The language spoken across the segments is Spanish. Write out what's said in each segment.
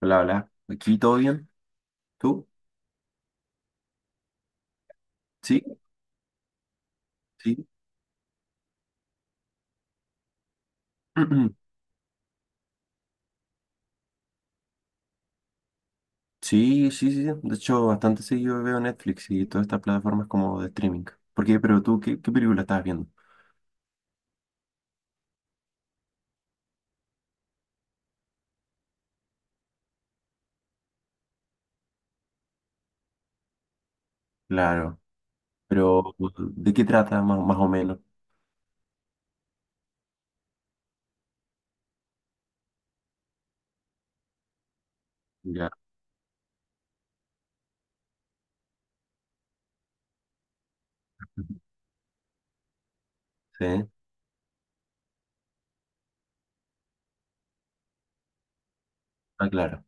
Hola, hola. ¿Aquí todo bien? ¿Tú? Sí, sí. Sí. De hecho, bastante seguido veo Netflix y todas estas plataformas como de streaming. ¿Por qué? Pero tú, ¿qué película estás viendo? Claro. Pero, ¿de qué trata más o menos? Ya. Sí. Ah, claro,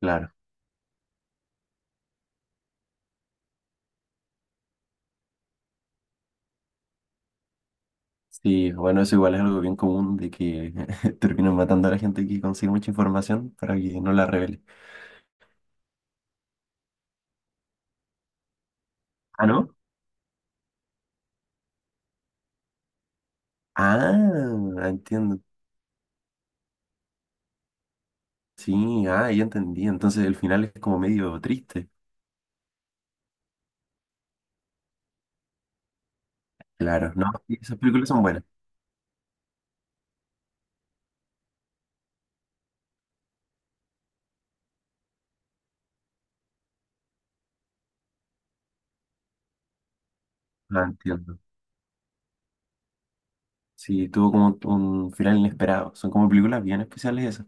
claro. Sí, bueno, eso igual es algo bien común de que terminan matando a la gente que consigue mucha información para que no la revele. ¿Ah, no? Ah, entiendo. Sí, ah, ya entendí. Entonces el final es como medio triste. Claro, no, sí, esas películas son buenas. Ah, entiendo. Sí, tuvo como un final inesperado. Son como películas bien especiales esas.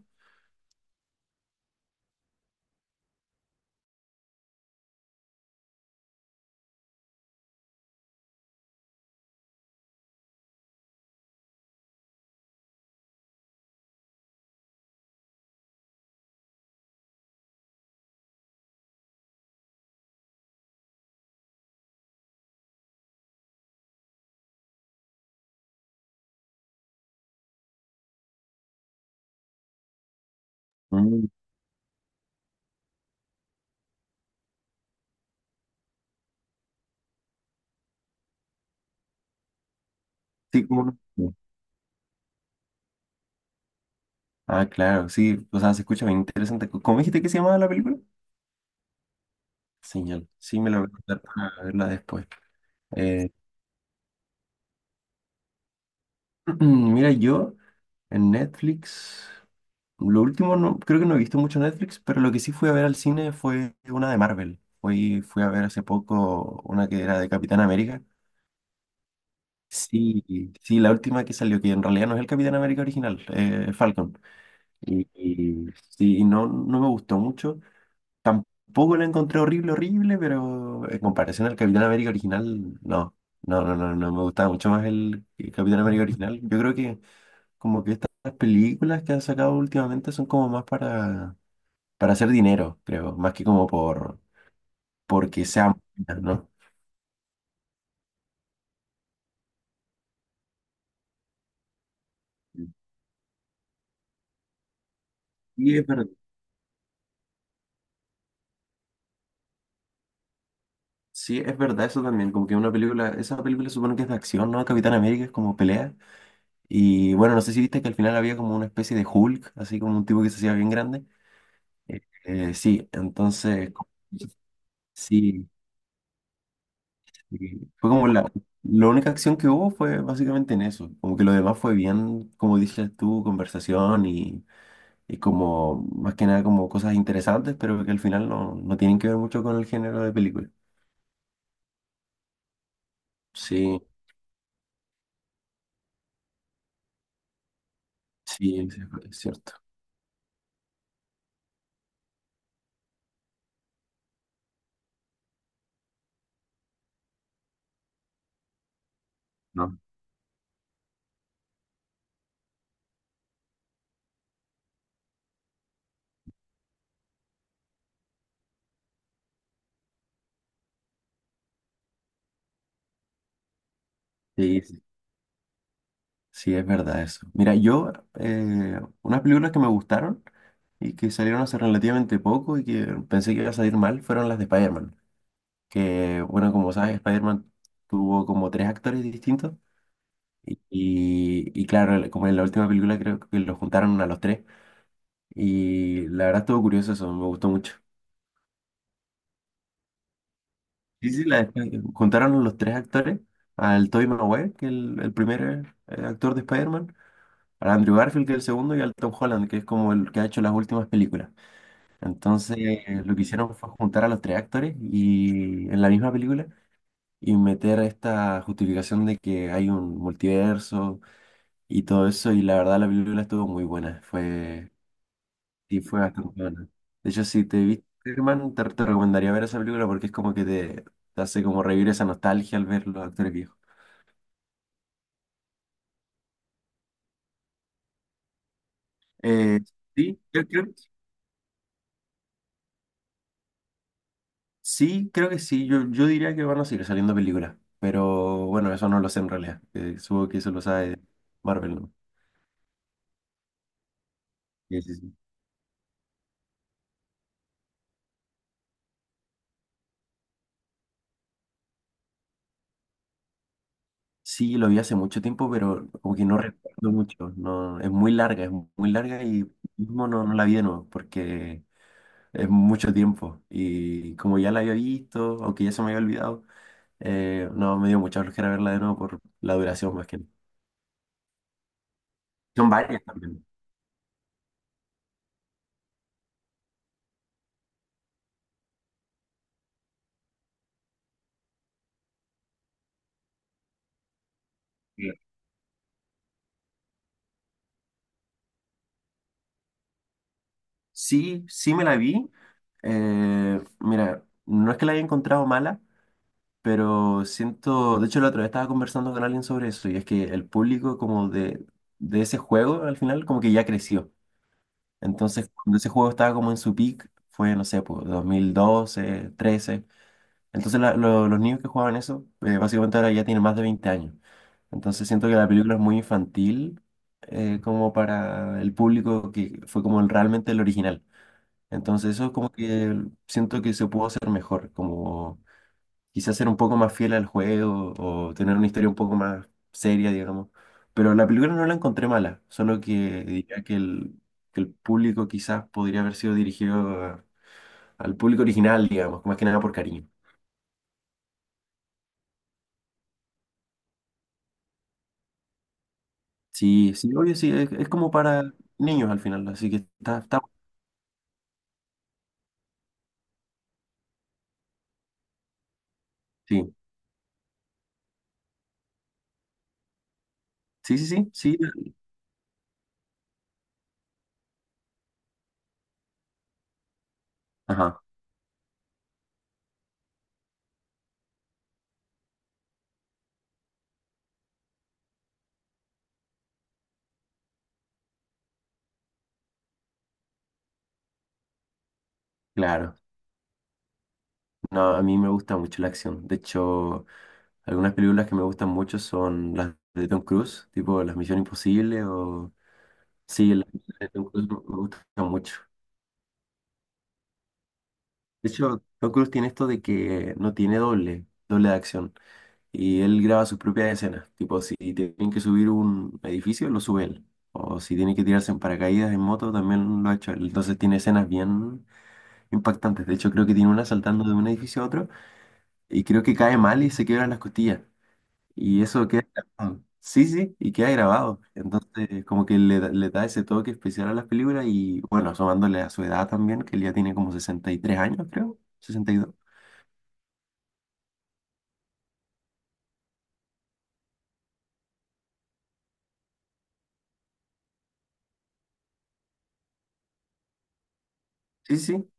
Mm, sí, como no. Sí. Ah, claro, sí, o sea, se escucha bien interesante. C- ¿Cómo dijiste que se llamaba la película? Señal. Sí, me la voy a contar para verla después. Eh, mira, yo en Netflix, lo último no, creo que no he visto mucho Netflix, pero lo que sí fui a ver al cine fue una de Marvel. Fui a ver hace poco una que era de Capitán América. Sí, sí, la última que salió, que en realidad no es el Capitán América original, Falcon. Y sí, y no, no me gustó mucho. Tampoco la encontré horrible, pero en comparación al Capitán América original, no. No me gustaba mucho más el Capitán América original. Yo creo que como que estas películas que han sacado últimamente son como más para hacer dinero, creo, más que como porque sean buenas, ¿no? Sí, es verdad. Sí, es verdad eso también, como que una película, esa película supongo que es de acción, ¿no? Capitán América es como pelea. Y bueno, no sé si viste que al final había como una especie de Hulk, así como un tipo que se hacía bien grande. Sí, entonces, como- sí, sí, fue como la única acción que hubo fue básicamente en eso, como que lo demás fue bien, como dices tú, conversación y como, más que nada como cosas interesantes, pero que al final no, no tienen que ver mucho con el género de película. Sí, sí, sí, es cierto. No. Sí, sí. Sí, es verdad eso. Mira, yo, unas películas que me gustaron y que salieron hace relativamente poco y que pensé que iba a salir mal fueron las de Spider-Man. Que, bueno, como sabes, Spider-Man tuvo como tres actores distintos y claro, el- como en la última película creo que los juntaron a los tres y la verdad estuvo curioso eso, me gustó mucho. Sí, sí, la de Spider- juntaron a los tres actores, al Tobey Maguire, que es el primer actor de Spider-Man, al Andrew Garfield, que es el segundo, y al Tom Holland, que es como el que ha hecho las últimas películas. Entonces, lo que hicieron fue juntar a los tres actores y en la misma película y meter esta justificación de que hay un multiverso y todo eso. Y la verdad, la película estuvo muy buena. Fue, y fue bastante buena. De hecho, si te viste, Superman, te recomendaría ver esa película porque es como que te hace como revivir esa nostalgia al ver los actores viejos. Eh, sí, sí, creo que sí. Yo diría que van a seguir saliendo películas. Pero bueno, eso no lo sé en realidad. Supongo que eso lo sabe Marvel. ¿No? Sí, sí, sí. Sí, lo vi hace mucho tiempo, pero como que no recuerdo mucho. No, es muy larga y mismo no, no la vi de nuevo porque es mucho tiempo. Y como ya la había visto, aunque ya se me había olvidado, no, me dio mucha flojera verla de nuevo por la duración más que nada. Son varias también. Sí, sí sí me la vi. Mira, no es que la haya encontrado mala, pero siento, de hecho la otra vez estaba conversando con alguien sobre eso y es que el público como de ese juego al final como que ya creció. Entonces cuando ese juego estaba como en su peak fue, no sé, pues 2012, 13. Entonces la- lo- los niños que jugaban eso básicamente ahora ya tienen más de 20 años. Entonces siento que la película es muy infantil como para el público que fue como el- realmente el original. Entonces eso es como que siento que se pudo hacer mejor, como quizás ser un poco más fiel al juego o tener una historia un poco más seria, digamos. Pero la película no la encontré mala, solo que diría que el público quizás podría haber sido dirigido a- al público original, digamos, más que nada por cariño. Sí, sí, obvio, sí, es como para niños al final, así que está, está, sí, sí, sí, sí, sí, ajá, claro. No, a mí me gusta mucho la acción. De hecho, algunas películas que me gustan mucho son las de Tom Cruise, tipo Las Misión Imposible o sí, la película de Tom Cruise me gusta mucho. De hecho, Tom Cruise tiene esto de que no tiene doble, doble de acción. Y él graba sus propias escenas. Tipo, si tienen que subir un edificio, lo sube él. O si tiene que tirarse en paracaídas en moto, también lo ha hecho él. Entonces tiene escenas bien impactantes. De hecho, creo que tiene una saltando de un edificio a otro y creo que cae mal y se quiebran las costillas. Y eso queda grabado. Sí, sí, y queda grabado. Entonces, como que le da ese toque especial a las películas y, bueno, asomándole a su edad también, que él ya tiene como 63 años, creo, 62. Sí, sí,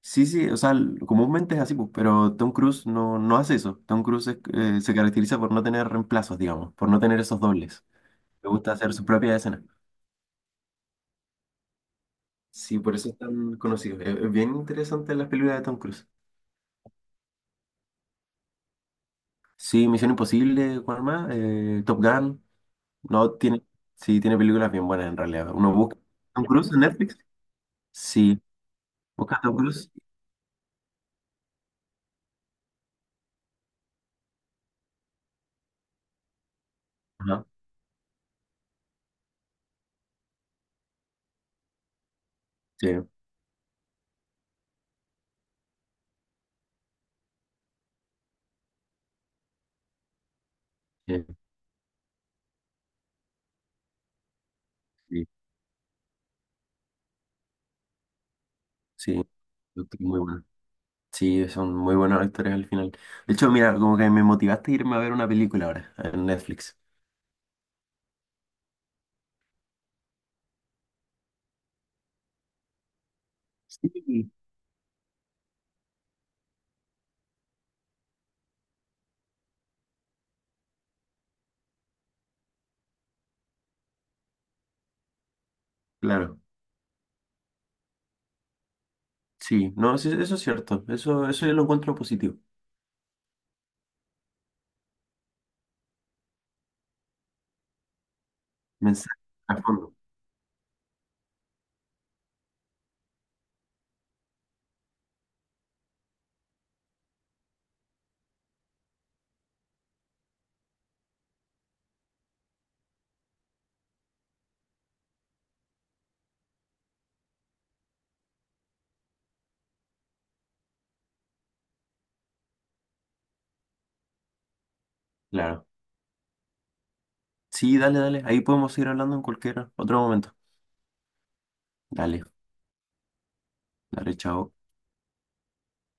sí, sí, o sea, l- comúnmente es así, pues, pero Tom Cruise no, no hace eso. Tom Cruise es- se caracteriza por no tener reemplazos, digamos, por no tener esos dobles. Le gusta hacer su propia escena. Sí, por eso es tan conocido. Es bien interesante las películas de Tom Cruise. Sí, Misión Imposible, ¿cuál más? Top Gun. No, tiene, sí, tiene películas bien buenas en realidad. Uno busca Tom Cruise en Netflix. Sí, busca Tom Cruise. Ajá, sí, sí, sí, sí, yo creo que muy bueno. Sí, son muy buenos actores al final. De hecho, mira, como que me motivaste a irme a ver una película ahora en Netflix. Sí, claro, sí, no, sí, eso es cierto, eso yo lo encuentro positivo. Mensaje a fondo, claro. Sí, dale, dale, ahí podemos seguir hablando en cualquier otro momento. Dale, dale, chao.